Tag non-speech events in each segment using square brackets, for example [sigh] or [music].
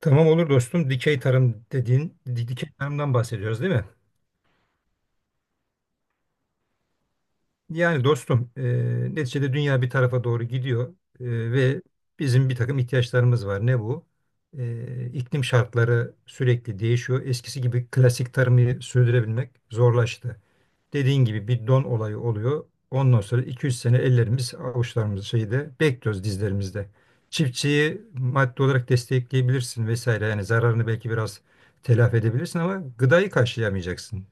Tamam olur dostum. Dikey tarım dediğin, dikey tarımdan bahsediyoruz değil mi? Yani dostum, neticede dünya bir tarafa doğru gidiyor ve bizim bir takım ihtiyaçlarımız var. Ne bu? İklim şartları sürekli değişiyor. Eskisi gibi klasik tarımı sürdürebilmek zorlaştı. Dediğin gibi bir don olayı oluyor. Ondan sonra iki üç sene ellerimiz, avuçlarımız şeyde bekliyoruz dizlerimizde. Çiftçiyi maddi olarak destekleyebilirsin vesaire. Yani zararını belki biraz telafi edebilirsin ama gıdayı karşılayamayacaksın.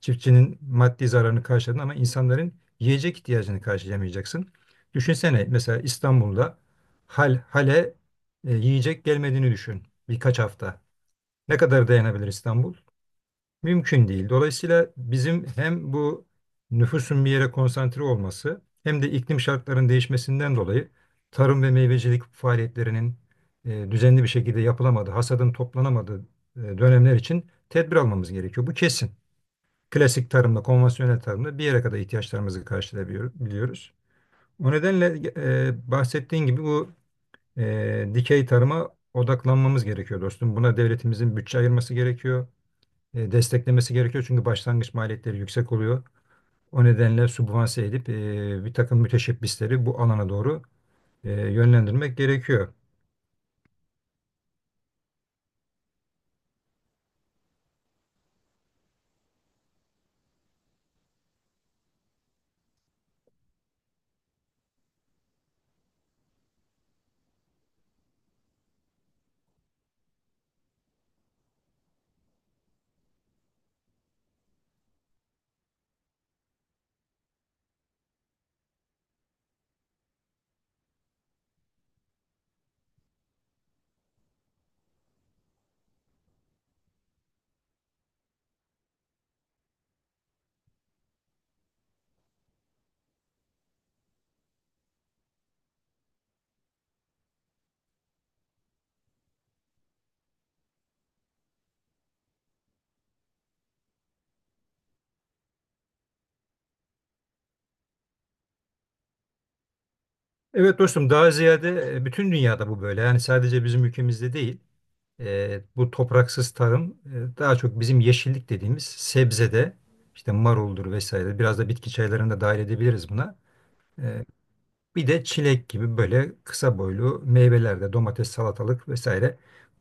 Çiftçinin maddi zararını karşıladın ama insanların yiyecek ihtiyacını karşılayamayacaksın. Düşünsene mesela İstanbul'da hal hale yiyecek gelmediğini düşün birkaç hafta. Ne kadar dayanabilir İstanbul? Mümkün değil. Dolayısıyla bizim hem bu nüfusun bir yere konsantre olması hem de iklim şartlarının değişmesinden dolayı tarım ve meyvecilik faaliyetlerinin düzenli bir şekilde yapılamadığı, hasadın toplanamadığı dönemler için tedbir almamız gerekiyor. Bu kesin. Klasik tarımla, konvansiyonel tarımla bir yere kadar ihtiyaçlarımızı karşılayabiliyoruz. O nedenle bahsettiğin gibi bu dikey tarıma odaklanmamız gerekiyor dostum. Buna devletimizin bütçe ayırması gerekiyor, desteklemesi gerekiyor. Çünkü başlangıç maliyetleri yüksek oluyor. O nedenle sübvanse edip bir takım müteşebbisleri bu alana doğru yönlendirmek gerekiyor. Evet dostum, daha ziyade bütün dünyada bu böyle. Yani sadece bizim ülkemizde değil. Bu topraksız tarım daha çok bizim yeşillik dediğimiz sebzede işte maruldur vesaire. Biraz da bitki çaylarını da dahil edebiliriz buna. E, Bir de çilek gibi böyle kısa boylu meyveler, de domates, salatalık vesaire.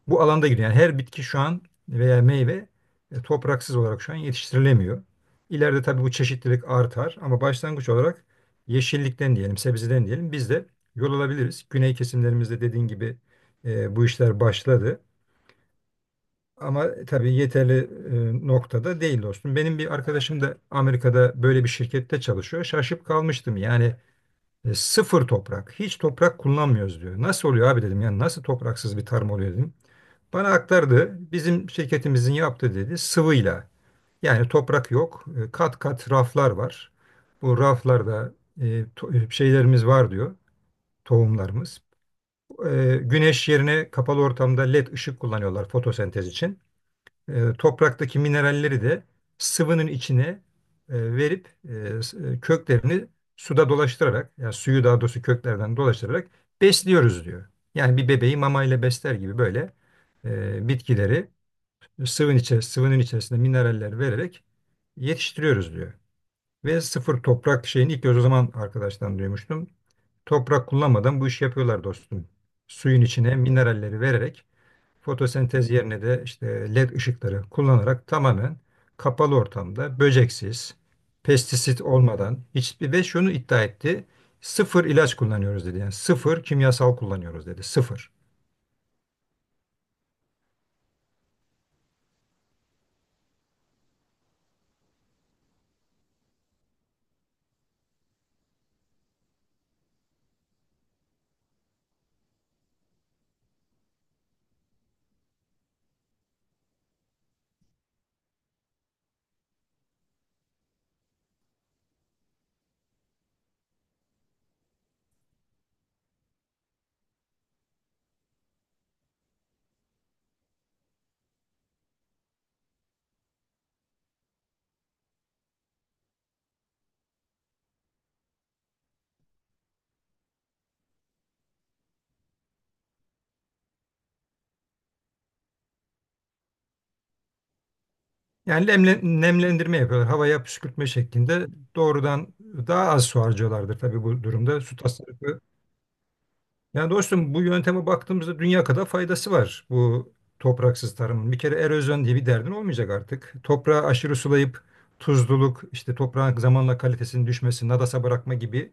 Bu alanda gidiyor. Yani her bitki şu an veya meyve topraksız olarak şu an yetiştirilemiyor. İleride tabii bu çeşitlilik artar ama başlangıç olarak yeşillikten diyelim, sebzeden diyelim, biz de yol alabiliriz. Güney kesimlerimizde dediğin gibi bu işler başladı. Ama tabii yeterli noktada değil dostum. Benim bir arkadaşım da Amerika'da böyle bir şirkette çalışıyor. Şaşıp kalmıştım. Yani sıfır toprak. Hiç toprak kullanmıyoruz diyor. Nasıl oluyor abi dedim. Yani nasıl topraksız bir tarım oluyor dedim. Bana aktardı. Bizim şirketimizin yaptığı, dedi, sıvıyla. Yani toprak yok. Kat kat raflar var. Bu raflarda e, şeylerimiz var diyor. Tohumlarımız. E, güneş yerine kapalı ortamda led ışık kullanıyorlar fotosentez için. Topraktaki mineralleri de sıvının içine verip köklerini suda dolaştırarak, yani suyu daha doğrusu köklerden dolaştırarak besliyoruz diyor. Yani bir bebeği mamayla besler gibi böyle bitkileri sıvının içerisinde mineraller vererek yetiştiriyoruz diyor. Ve sıfır toprak şeyini ilk göz o zaman arkadaştan duymuştum. Toprak kullanmadan bu işi yapıyorlar dostum. Suyun içine mineralleri vererek, fotosentez yerine de işte led ışıkları kullanarak, tamamen kapalı ortamda, böceksiz, pestisit olmadan, hiçbir ve şunu iddia etti. Sıfır ilaç kullanıyoruz dedi. Yani sıfır kimyasal kullanıyoruz dedi. Sıfır. Yani nemlendirme yapıyorlar. Havaya püskürtme şeklinde doğrudan. Daha az su harcıyorlardır tabii bu durumda. Su tasarrufu. Yani dostum bu yönteme baktığımızda dünya kadar faydası var bu topraksız tarımın. Bir kere erozyon diye bir derdin olmayacak artık. Toprağı aşırı sulayıp tuzluluk, işte toprağın zamanla kalitesinin düşmesi, nadasa bırakma gibi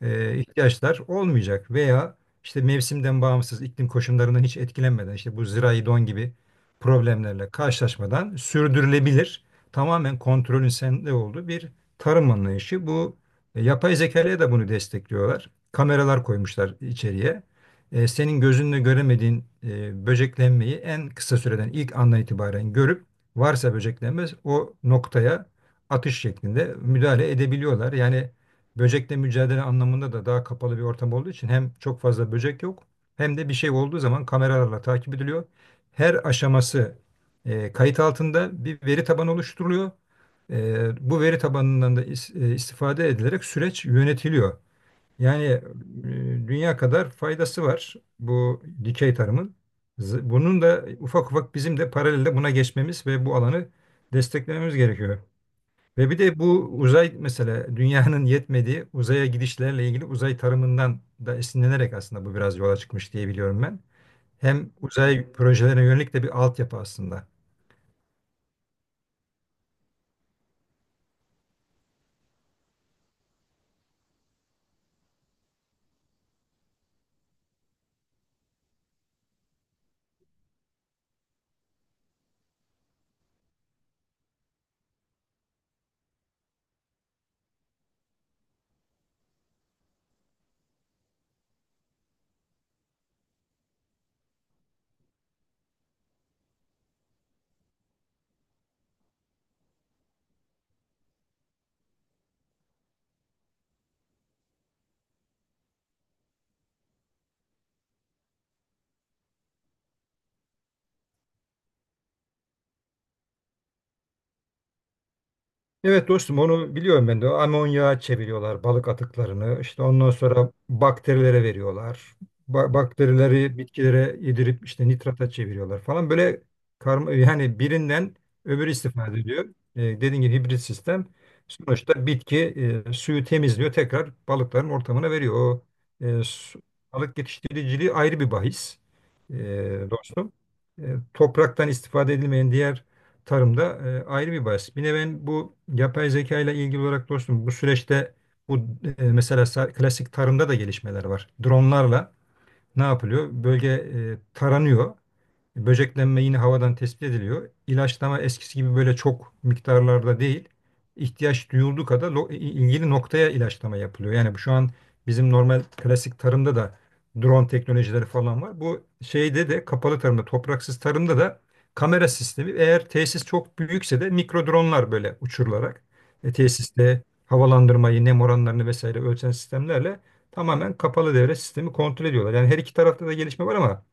ihtiyaçlar olmayacak. Veya işte mevsimden bağımsız, iklim koşullarından hiç etkilenmeden, işte bu zirai don gibi problemlerle karşılaşmadan sürdürülebilir, tamamen kontrolün sende olduğu bir tarım anlayışı. Bu yapay zekaya da bunu destekliyorlar. Kameralar koymuşlar içeriye. Senin gözünle göremediğin böceklenmeyi en kısa süreden ilk andan itibaren görüp varsa böceklenme o noktaya atış şeklinde müdahale edebiliyorlar. Yani böcekle mücadele anlamında da daha kapalı bir ortam olduğu için hem çok fazla böcek yok, hem de bir şey olduğu zaman kameralarla takip ediliyor. Her aşaması kayıt altında bir veri tabanı oluşturuluyor. Bu veri tabanından da istifade edilerek süreç yönetiliyor. Yani dünya kadar faydası var bu dikey tarımın. Bunun da ufak ufak bizim de paralelde buna geçmemiz ve bu alanı desteklememiz gerekiyor. Ve bir de bu uzay, mesela dünyanın yetmediği uzaya gidişlerle ilgili uzay tarımından da esinlenerek aslında bu biraz yola çıkmış diye biliyorum ben. Hem uzay projelerine yönelik de bir altyapı aslında. Evet dostum, onu biliyorum ben de. Amonyağa çeviriyorlar balık atıklarını. İşte ondan sonra bakterilere veriyorlar. Bakterileri bitkilere yedirip işte nitrata çeviriyorlar falan. Böyle karma, yani birinden öbürü istifade ediyor. E, dediğin gibi hibrit sistem. Sonuçta bitki suyu temizliyor. Tekrar balıkların ortamına veriyor. E, su- Balık yetiştiriciliği ayrı bir bahis e, dostum. E, Topraktan istifade edilmeyen diğer tarımda ayrı bir bahis. Bir de ben bu yapay zeka ile ilgili olarak dostum bu süreçte bu klasik tarımda da gelişmeler var. Dronlarla ne yapılıyor? Bölge taranıyor. Böceklenme yine havadan tespit ediliyor. İlaçlama eskisi gibi böyle çok miktarlarda değil. İhtiyaç duyulduğu kadar ilgili noktaya ilaçlama yapılıyor. Yani bu şu an bizim normal klasik tarımda da drone teknolojileri falan var. Bu şeyde de, kapalı tarımda, topraksız tarımda da kamera sistemi, eğer tesis çok büyükse de mikro dronlar böyle uçurularak tesiste havalandırmayı, nem oranlarını vesaire ölçen sistemlerle tamamen kapalı devre sistemi kontrol ediyorlar. Yani her iki tarafta da gelişme var ama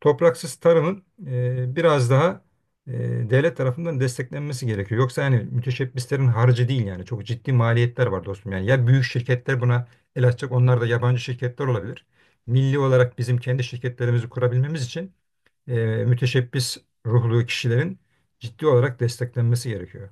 topraksız tarımın biraz daha e, devlet tarafından desteklenmesi gerekiyor. Yoksa yani müteşebbislerin harcı değil, yani çok ciddi maliyetler var dostum. Yani ya büyük şirketler buna el açacak, onlar da yabancı şirketler olabilir. Milli olarak bizim kendi şirketlerimizi kurabilmemiz için e, müteşebbis ruhlu kişilerin ciddi olarak desteklenmesi gerekiyor.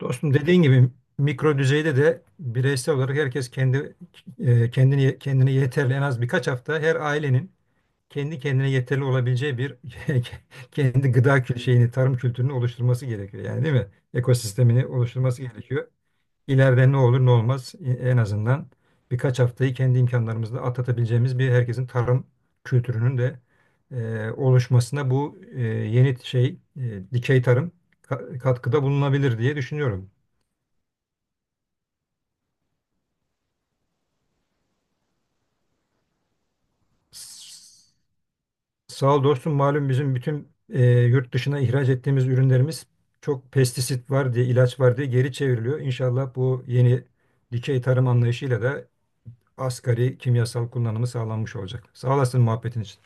Dostum dediğin gibi mikro düzeyde de bireysel olarak herkes kendi kendini kendine yeterli, en az birkaç hafta her ailenin kendi kendine yeterli olabileceği bir [laughs] kendi şeyini, tarım kültürünü oluşturması gerekiyor yani değil mi? Ekosistemini oluşturması gerekiyor. İleride ne olur ne olmaz, en azından birkaç haftayı kendi imkanlarımızla atlatabileceğimiz bir, herkesin tarım kültürünün de oluşmasına bu yeni şey, dikey tarım katkıda bulunabilir diye düşünüyorum. Sağ ol dostum. Malum bizim bütün yurt dışına ihraç ettiğimiz ürünlerimiz çok pestisit var diye, ilaç var diye geri çevriliyor. İnşallah bu yeni dikey tarım anlayışıyla da asgari kimyasal kullanımı sağlanmış olacak. Sağ olasın muhabbetin için.